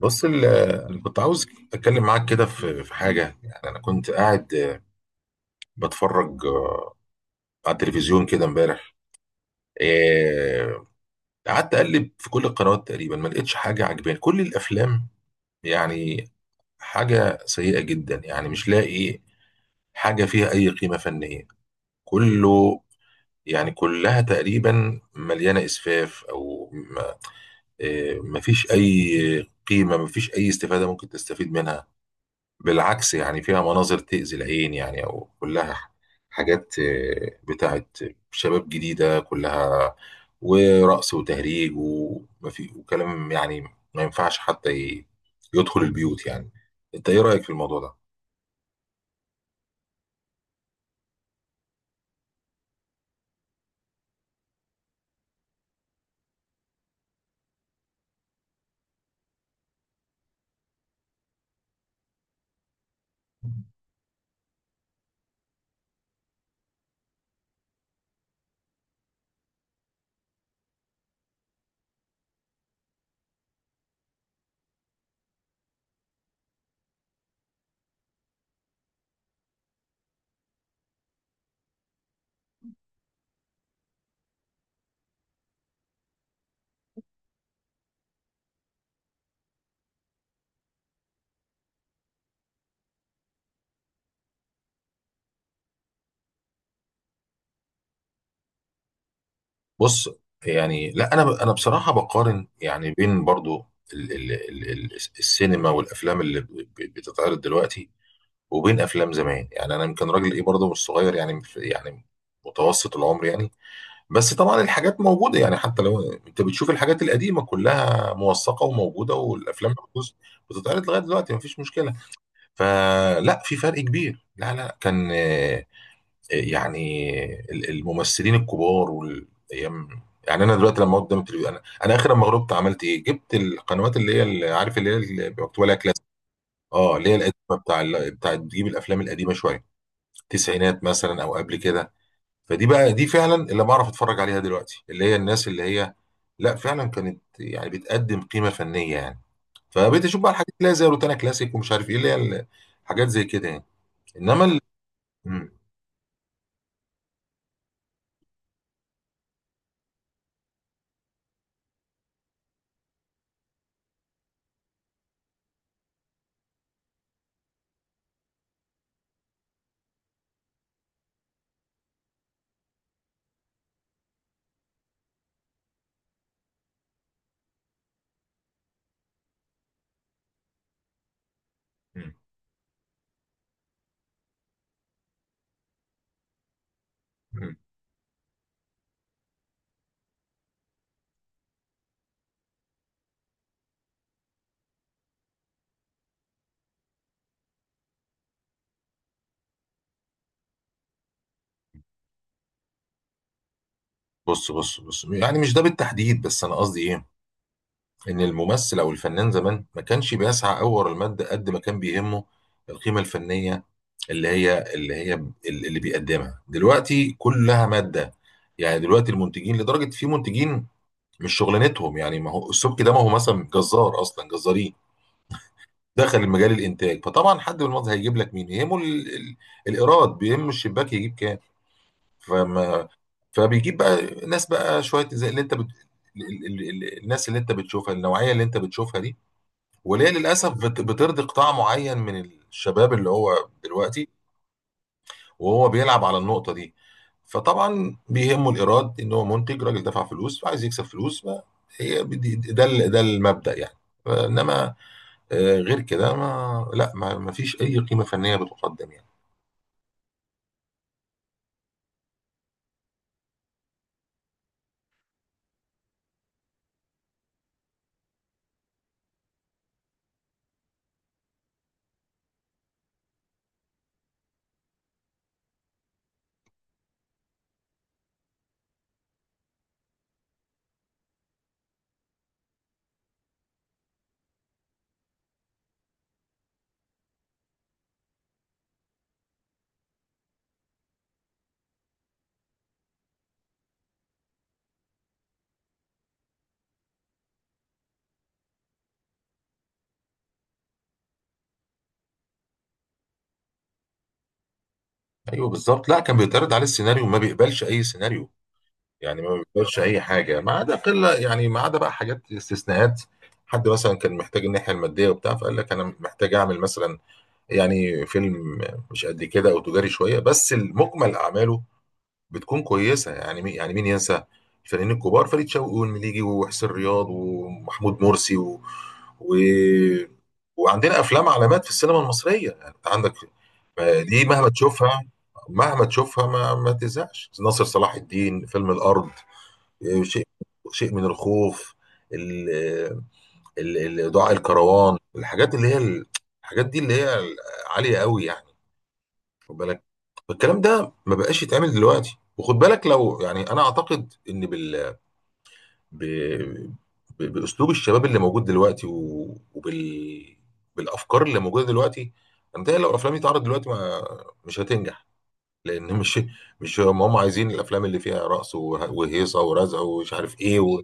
بص انا كنت عاوز اتكلم معاك كده في حاجه، يعني انا كنت قاعد بتفرج على التلفزيون كده امبارح. إيه، قعدت اقلب في كل القنوات تقريبا، ما لقيتش حاجه عجباني. كل الافلام يعني حاجه سيئه جدا، يعني مش لاقي حاجه فيها اي قيمه فنيه. كله يعني كلها تقريبا مليانه اسفاف او ما ما فيش اي قيمه، ما فيش اي استفاده ممكن تستفيد منها. بالعكس يعني فيها مناظر تأذي العين، يعني أو كلها حاجات بتاعت شباب جديدة، كلها ورقص وتهريج ومفي وكلام، يعني ما ينفعش حتى يدخل البيوت يعني. أنت إيه رأيك في الموضوع ده؟ بص يعني، لا أنا أنا بصراحة بقارن يعني بين برضو ال ال ال ال السينما والأفلام اللي بتتعرض دلوقتي، وبين أفلام زمان. يعني أنا يمكن راجل إيه برضو، مش صغير، يعني يعني متوسط العمر يعني. بس طبعا الحاجات موجودة، يعني حتى لو انت بتشوف الحاجات القديمة كلها موثقة وموجودة، والافلام بتتعرض لغاية دلوقتي، مفيش مشكلة. فلا في فرق كبير، لا لا كان يعني الممثلين الكبار وال... أيام- يعني انا دلوقتي لما أقعد قدام التلفزيون، انا اخر لما غلبت عملت ايه، جبت القنوات اللي هي اللي عارف اللي هي اللي مكتوب عليها كلاسيك، اه اللي هي القديمة بتاع بتاع تجيب الافلام القديمة شوية، التسعينات مثلا او قبل كده. فدي بقى، دي فعلا اللي بعرف اتفرج عليها دلوقتي، اللي هي الناس اللي هي لا فعلا كانت يعني بتقدم قيمه فنيه يعني. فبقيت اشوف بقى الحاجات اللي هي زي روتانا كلاسيك، ومش عارف ايه اللي هي حاجات زي كده يعني، انما ال... مم. مم. مم. بص يعني مش ده بالتحديد، بس انا قصدي ايه، ان الممثل او الفنان زمان ما كانش بيسعى قوي ورا المادة قد ما كان بيهمه القيمه الفنيه، اللي بيقدمها دلوقتي كلها ماده يعني. دلوقتي المنتجين لدرجه في منتجين مش شغلانتهم، يعني ما هو السبكي ده، ما هو مثلا جزار، اصلا جزارين دخل المجال الانتاج. فطبعا حد من المنظر هيجيب لك مين، يهمه الايراد، بيهم الشباك يجيب كام. فما فبيجيب بقى ناس بقى شويه زي اللي انت الناس اللي انت بتشوفها، النوعيه اللي انت بتشوفها دي، واللي هي للاسف بترضي قطاع معين من الشباب، اللي هو دلوقتي وهو بيلعب على النقطة دي. فطبعا بيهمه الإيراد، إن هو منتج راجل دفع فلوس، فعايز يكسب فلوس. ما هي بدي- ده المبدأ يعني، إنما غير كده، ما لا ما فيش أي قيمة فنية بتقدم يعني. أيوه بالظبط، لا كان بيتعرض عليه السيناريو، ما بيقبلش أي سيناريو يعني، ما بيقبلش أي حاجة ما عدا قلة، يعني ما عدا بقى حاجات استثناءات. حد مثلا كان محتاج الناحية المادية وبتاع، فقال لك أنا محتاج أعمل مثلا يعني فيلم مش قد كده أو تجاري شوية، بس المجمل أعماله بتكون كويسه. يعني مين، يعني مين ينسى الفنانين الكبار، فريد شوقي والمليجي وحسين رياض ومحمود مرسي و... و... وعندنا افلام علامات في السينما المصريه. يعني انت عندك دي مهما تشوفها، مهما تشوفها ما تزهقش. ناصر صلاح الدين، فيلم الارض، شيء، شيء من الخوف، ال... دعاء الكروان. الحاجات اللي هي الحاجات دي اللي هي عاليه قوي يعني. خد بالك الكلام ده ما بقاش يتعمل دلوقتي، وخد بالك لو يعني انا اعتقد ان ب... باسلوب الشباب اللي موجود دلوقتي و... بالافكار اللي موجوده دلوقتي، انت لو الافلام دي اتعرضت دلوقتي، ما مش هتنجح، لان مش هم عايزين الافلام اللي فيها رقص وهيصه ورزع ومش عارف ايه و...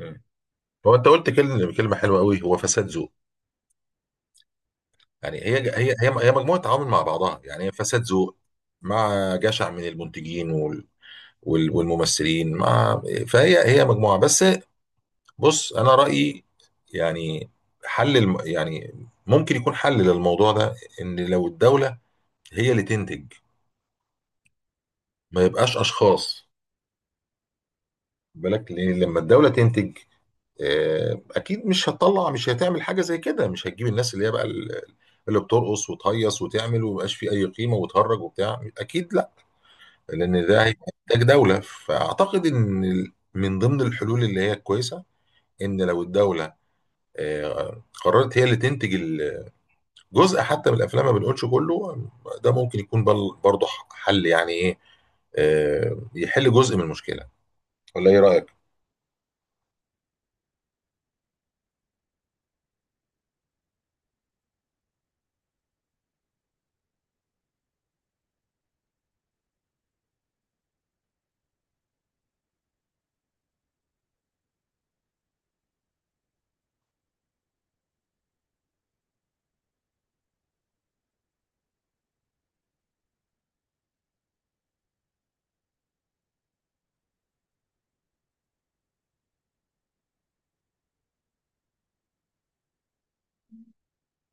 مم. هو انت قلت كلمه حلوه قوي، هو فساد ذوق. يعني هي مجموعه عوامل مع بعضها، يعني هي فساد ذوق مع جشع من المنتجين والممثلين، مع فهي هي مجموعة بس. بص أنا رأيي يعني، يعني ممكن يكون حل للموضوع ده، إن لو الدولة هي اللي تنتج، ما يبقاش أشخاص. بالك لأن لما الدولة تنتج، أكيد مش هتطلع، مش هتعمل حاجة زي كده، مش هتجيب الناس اللي هي بقى اللي بترقص وتهيص وتعمل ومبقاش فيه أي قيمة وتهرج وبتاع، أكيد لا، لأن ده هيبقى إنتاج دولة. فأعتقد إن من ضمن الحلول اللي هي كويسة، إن لو الدولة قررت هي اللي تنتج الجزء حتى من الافلام، ما بنقولش كله. ده ممكن يكون برضه حل، يعني ايه، يحل جزء من المشكله، ولا ايه رايك؟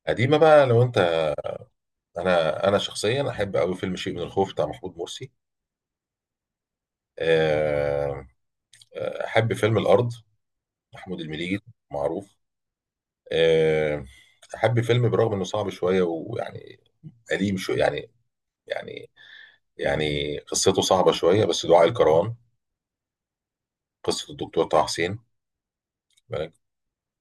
قديمه بقى لو انت، انا شخصيا احب قوي فيلم شيء من الخوف بتاع محمود مرسي. آه، احب فيلم الارض، محمود المليجي، معروف. آه، احب فيلم برغم انه صعب شويه ويعني قديم شويه يعني، يعني يعني قصته صعبه شويه، بس دعاء الكروان، قصه الدكتور طه حسين.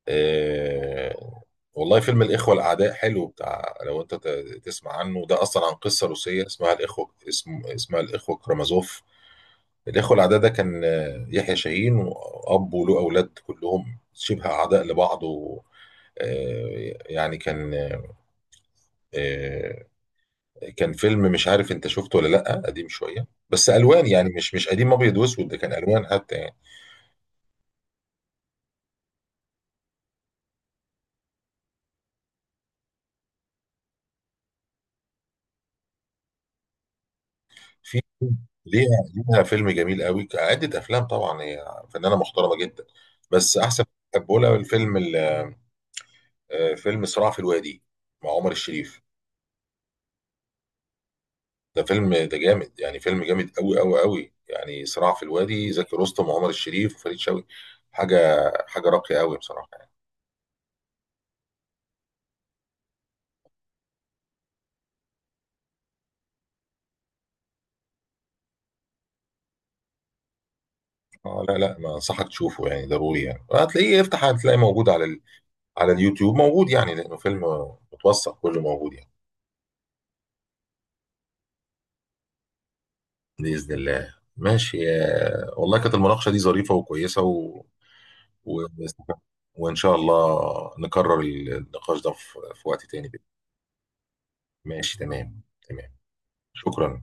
آه والله، فيلم الإخوة الأعداء حلو، بتاع لو أنت تسمع عنه، ده أصلا عن قصة روسية اسمها الإخوة، اسمها الإخوة كرامازوف. الإخوة الأعداء ده كان يحيى شاهين، وأب وله أولاد كلهم شبه أعداء لبعض، و يعني كان آه، كان فيلم، مش عارف انت شفته ولا لا، قديم شويه بس الوان، يعني مش مش قديم ابيض واسود، ده كان الوان حتى يعني. في ليها، ليها فيلم جميل قوي، عدة افلام طبعا، هي فنانه محترمه جدا. بس احسن بحبه لها الفيلم فيلم صراع في الوادي مع عمر الشريف. ده فيلم، ده جامد يعني، فيلم جامد قوي قوي قوي يعني. صراع في الوادي، زكي رستم وعمر الشريف وفريد شوقي، حاجه حاجه راقيه قوي بصراحه يعني. اه لا لا، ما انصحك تشوفه يعني ضروري، يعني هتلاقيه، افتح هتلاقيه موجود على ال... على اليوتيوب موجود، يعني لانه فيلم متوثق، كله موجود يعني. بإذن الله، ماشي والله كانت المناقشة دي ظريفة وكويسة و... و... وإن شاء الله نكرر النقاش ده في في وقت تاني، بإذن الله. ماشي، تمام، تمام، شكرا.